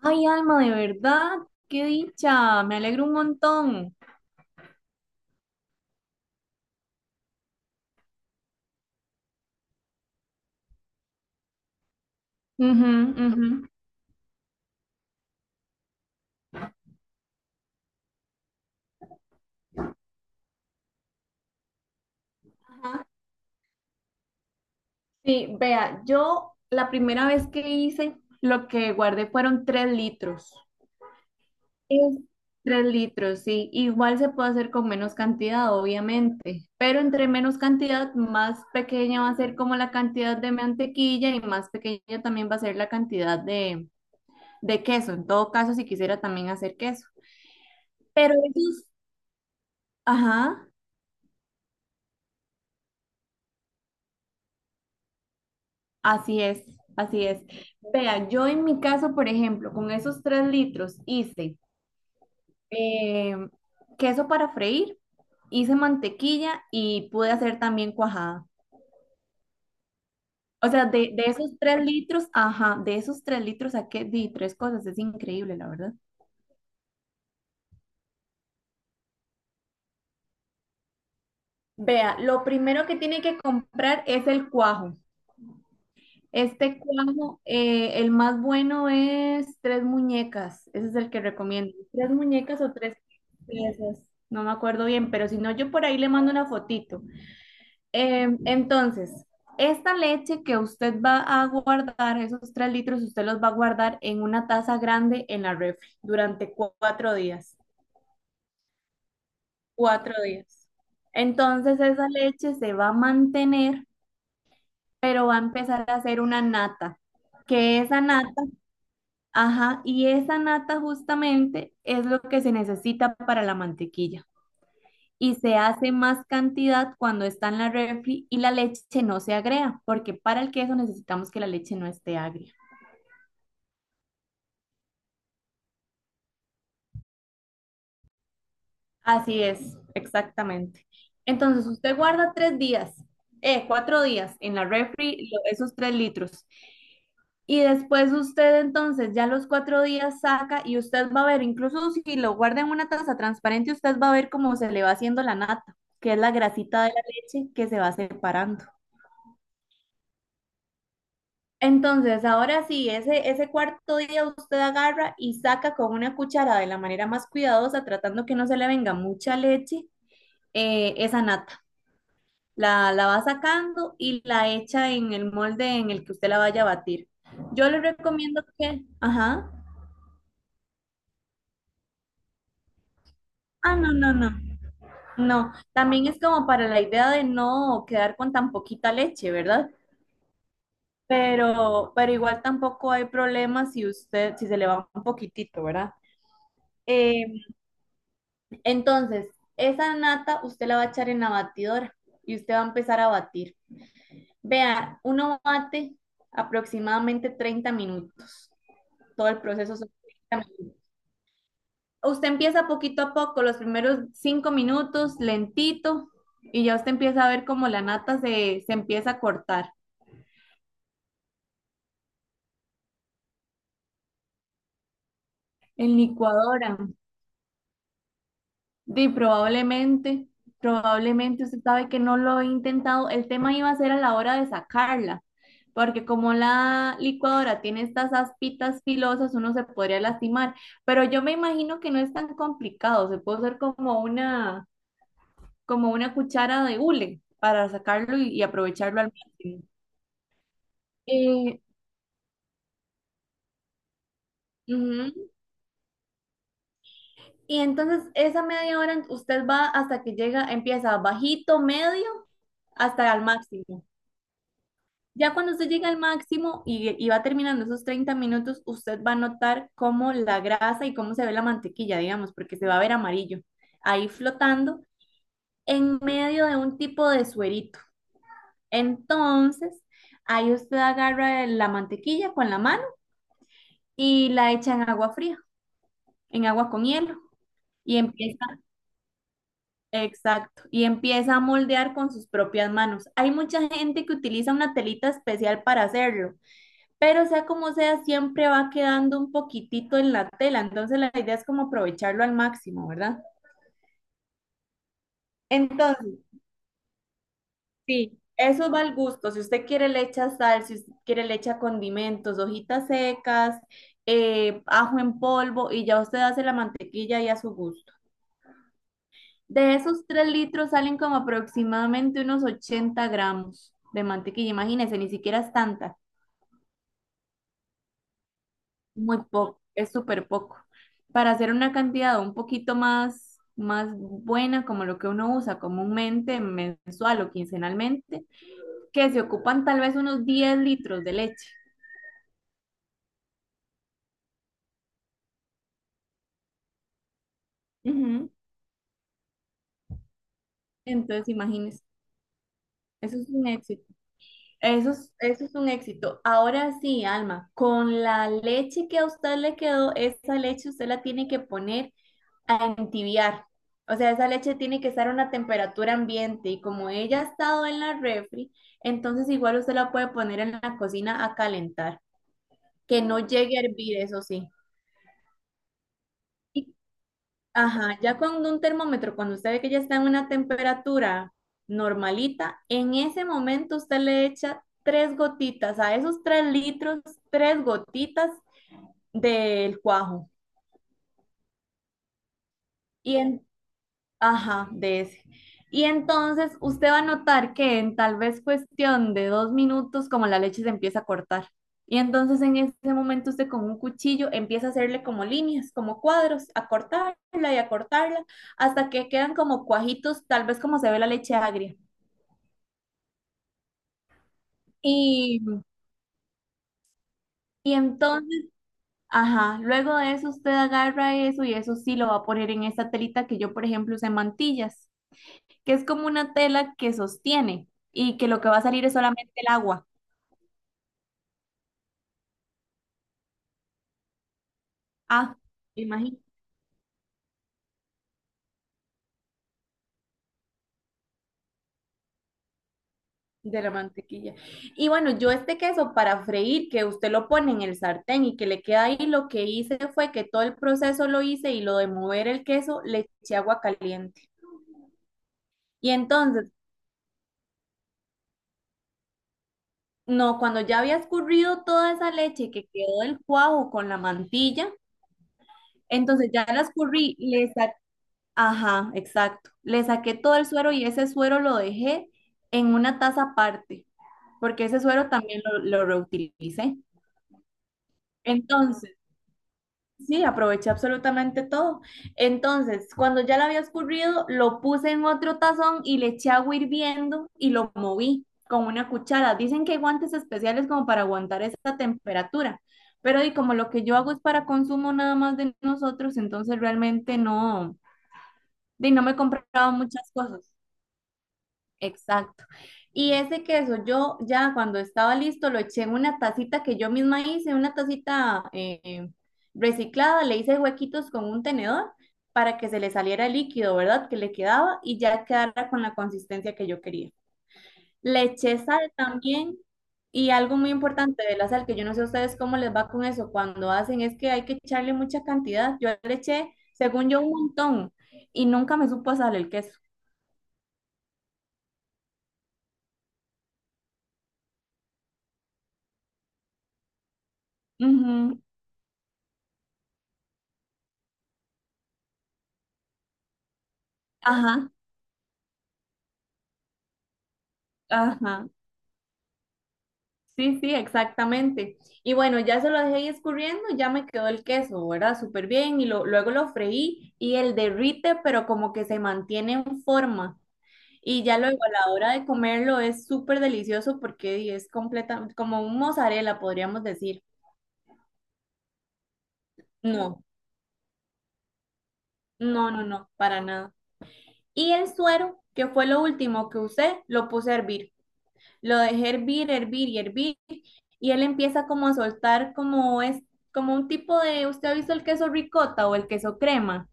Ay, Alma, de verdad, qué dicha, me alegro un montón. Ujú, ujú. Ajá. Sí, vea, yo la primera vez que hice, lo que guardé fueron 3 litros. Es- Tres litros, sí. Igual se puede hacer con menos cantidad, obviamente, pero entre menos cantidad, más pequeña va a ser como la cantidad de mantequilla y más pequeña también va a ser la cantidad de queso. En todo caso, si quisiera también hacer queso. Pero ellos, ajá. Así es, así es. Vea, yo en mi caso, por ejemplo, con esos 3 litros hice eh, queso para freír, hice mantequilla y pude hacer también cuajada. O sea, de esos 3 litros, ajá, de esos tres litros saqué di tres cosas, es increíble, la verdad. Vea, lo primero que tiene que comprar es el cuajo. Este cuadro el más bueno es Tres Muñecas, ese es el que recomiendo. Tres Muñecas o tres piezas, no me acuerdo bien, pero si no, yo por ahí le mando una fotito. Entonces, esta leche que usted va a guardar, esos 3 litros, usted los va a guardar en una taza grande en la refri durante 4 días. 4 días. Entonces, esa leche se va a mantener, pero va a empezar a hacer una nata, que esa nata. Ajá, y esa nata justamente es lo que se necesita para la mantequilla. Y se hace más cantidad cuando está en la refri y la leche no se agrega, porque para el queso necesitamos que la leche no esté agria. Así es, exactamente. Entonces usted guarda 3 días, 4 días en la refri lo- esos 3 litros. Y después usted entonces ya los 4 días saca y usted va a ver, incluso si lo guarda en una taza transparente, usted va a ver cómo se le va haciendo la nata, que es la grasita de la leche que se va separando. Entonces, ahora sí, ese cuarto día usted agarra y saca con una cuchara de la manera más cuidadosa, tratando que no se le venga mucha leche, esa nata. La va sacando y la echa en el molde en el que usted la vaya a batir. Yo le recomiendo que, ajá, ah, no, no, no. No, también es como para la idea de no quedar con tan poquita leche, ¿verdad? Pero igual tampoco hay problema si usted, si se le va un poquitito, ¿verdad? Eh, entonces, esa nata usted la va a echar en la batidora y usted va a empezar a batir. Vea, uno bate aproximadamente 30 minutos, todo el proceso son 30 minutos. Usted empieza poquito a poco, los primeros 5 minutos, lentito, y ya usted empieza a ver cómo la nata se empieza a cortar. En licuadora. Di, probablemente, probablemente usted sabe que no lo he intentado. El tema iba a ser a la hora de sacarla, porque como la licuadora tiene estas aspitas filosas, uno se podría lastimar. Pero yo me imagino que no es tan complicado. Se puede usar como una cuchara de hule para sacarlo y aprovecharlo al máximo. Eh, ujú. Y entonces esa media hora usted va hasta que llega, empieza bajito, medio, hasta al máximo. Ya cuando usted llega al máximo y va terminando esos 30 minutos, usted va a notar cómo la grasa y cómo se ve la mantequilla, digamos, porque se va a ver amarillo, ahí flotando en medio de un tipo de suerito. Entonces, ahí usted agarra la mantequilla con la mano y la echa en agua fría, en agua con hielo. Y empieza, exacto, y empieza a moldear con sus propias manos. Hay mucha gente que utiliza una telita especial para hacerlo, pero sea como sea, siempre va quedando un poquitito en la tela, entonces la idea es como aprovecharlo al máximo, ¿verdad? Entonces, sí, eso va al gusto, si usted quiere le echa sal, si usted quiere le echa condimentos, hojitas secas, ajo en polvo y ya usted hace la mantequilla y a su gusto. De esos 3 litros salen como aproximadamente unos 80 gramos de mantequilla, imagínese, ni siquiera es tanta. Muy poco, es súper poco. Para hacer una cantidad un poquito más, más buena, como lo que uno usa comúnmente, mensual o quincenalmente, que se ocupan tal vez unos 10 litros de leche. Ujú. Entonces, imagínense, eso es un éxito. Eso es un éxito. Ahora sí, Alma, con la leche que a usted le quedó, esa leche usted la tiene que poner a entibiar. O sea, esa leche tiene que estar a una temperatura ambiente y como ella ha estado en la refri, entonces igual usted la puede poner en la cocina a calentar, que no llegue a hervir, eso sí. Y, ajá, ya con un termómetro, cuando usted ve que ya está en una temperatura normalita, en ese momento usted le echa tres gotitas, a esos 3 litros, tres gotitas del cuajo. Y en. Ajá, de ese. Y entonces usted va a notar que en tal vez cuestión de 2 minutos, como la leche se empieza a cortar. Y entonces en ese momento usted con un cuchillo empieza a hacerle como líneas, como cuadros, a cortarla y a cortarla, hasta que quedan como cuajitos, tal vez como se ve la leche agria. Y, y entonces, ajá, luego de eso usted agarra eso y eso sí lo va a poner en esta telita que yo, por ejemplo, usé en mantillas, que es como una tela que sostiene y que lo que va a salir es solamente el agua. Ah, imagínate, de la mantequilla. Y bueno, yo este queso para freír, que usted lo pone en el sartén y que le queda ahí, lo que hice fue que todo el proceso lo hice y lo de mover el queso le eché agua caliente. Y entonces, no, cuando ya había escurrido toda esa leche que quedó del cuajo con la mantilla, entonces ya la escurrí, ajá, exacto, le saqué todo el suero y ese suero lo dejé en una taza aparte, porque ese suero también lo reutilicé. Entonces, sí, aproveché absolutamente todo. Entonces, cuando ya lo había escurrido, lo puse en otro tazón y le eché agua hirviendo y lo moví con una cuchara. Dicen que hay guantes especiales como para aguantar esa temperatura, pero y como lo que yo hago es para consumo nada más de nosotros, entonces realmente no, no me he comprado muchas cosas. Exacto. Y ese queso, yo ya cuando estaba listo, lo eché en una tacita que yo misma hice, una tacita reciclada, le hice huequitos con un tenedor para que se le saliera el líquido, ¿verdad? Que le quedaba y ya quedara con la consistencia que yo quería. Le eché sal también y algo muy importante de la sal, que yo no sé a ustedes cómo les va con eso cuando hacen, es que hay que echarle mucha cantidad. Yo le eché, según yo, un montón y nunca me supo a sal el queso. Ujú. Ajá, ajá. Sí, sí, exactamente. Y bueno, ya se lo dejé ahí escurriendo, ya me quedó el queso, ¿verdad? Súper bien. Y luego lo freí y el derrite, pero como que se mantiene en forma. Y ya luego a la hora de comerlo es súper delicioso porque di, es completamente como un mozzarella, podríamos decir. No, no, no, no, para nada. Y el suero, que fue lo último que usé, lo puse a hervir. Lo dejé hervir, hervir y hervir. Y él empieza como a soltar como es como un tipo de, ¿usted ha visto el queso ricota o el queso crema?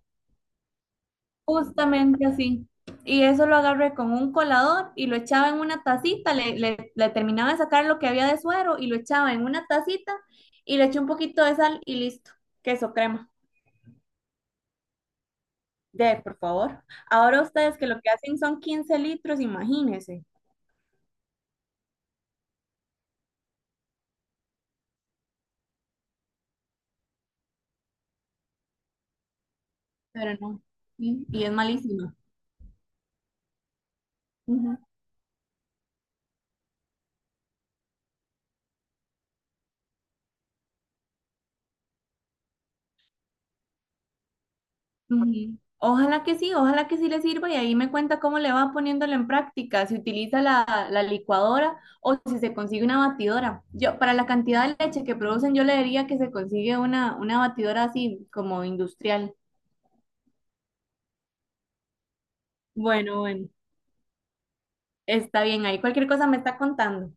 Justamente así. Y eso lo agarré con un colador y lo echaba en una tacita, le terminaba de sacar lo que había de suero y lo echaba en una tacita y le eché un poquito de sal y listo, queso crema. De, por favor. Ahora ustedes que lo que hacen son 15 litros, imagínense. Pero no. Sí, y es malísimo. Ujú. Ojalá que sí le sirva y ahí me cuenta cómo le va poniéndolo en práctica, si utiliza la licuadora o si se consigue una batidora. Yo, para la cantidad de leche que producen, yo le diría que se consigue una batidora así como industrial. Bueno, bueno, está bien, ahí cualquier cosa me está contando.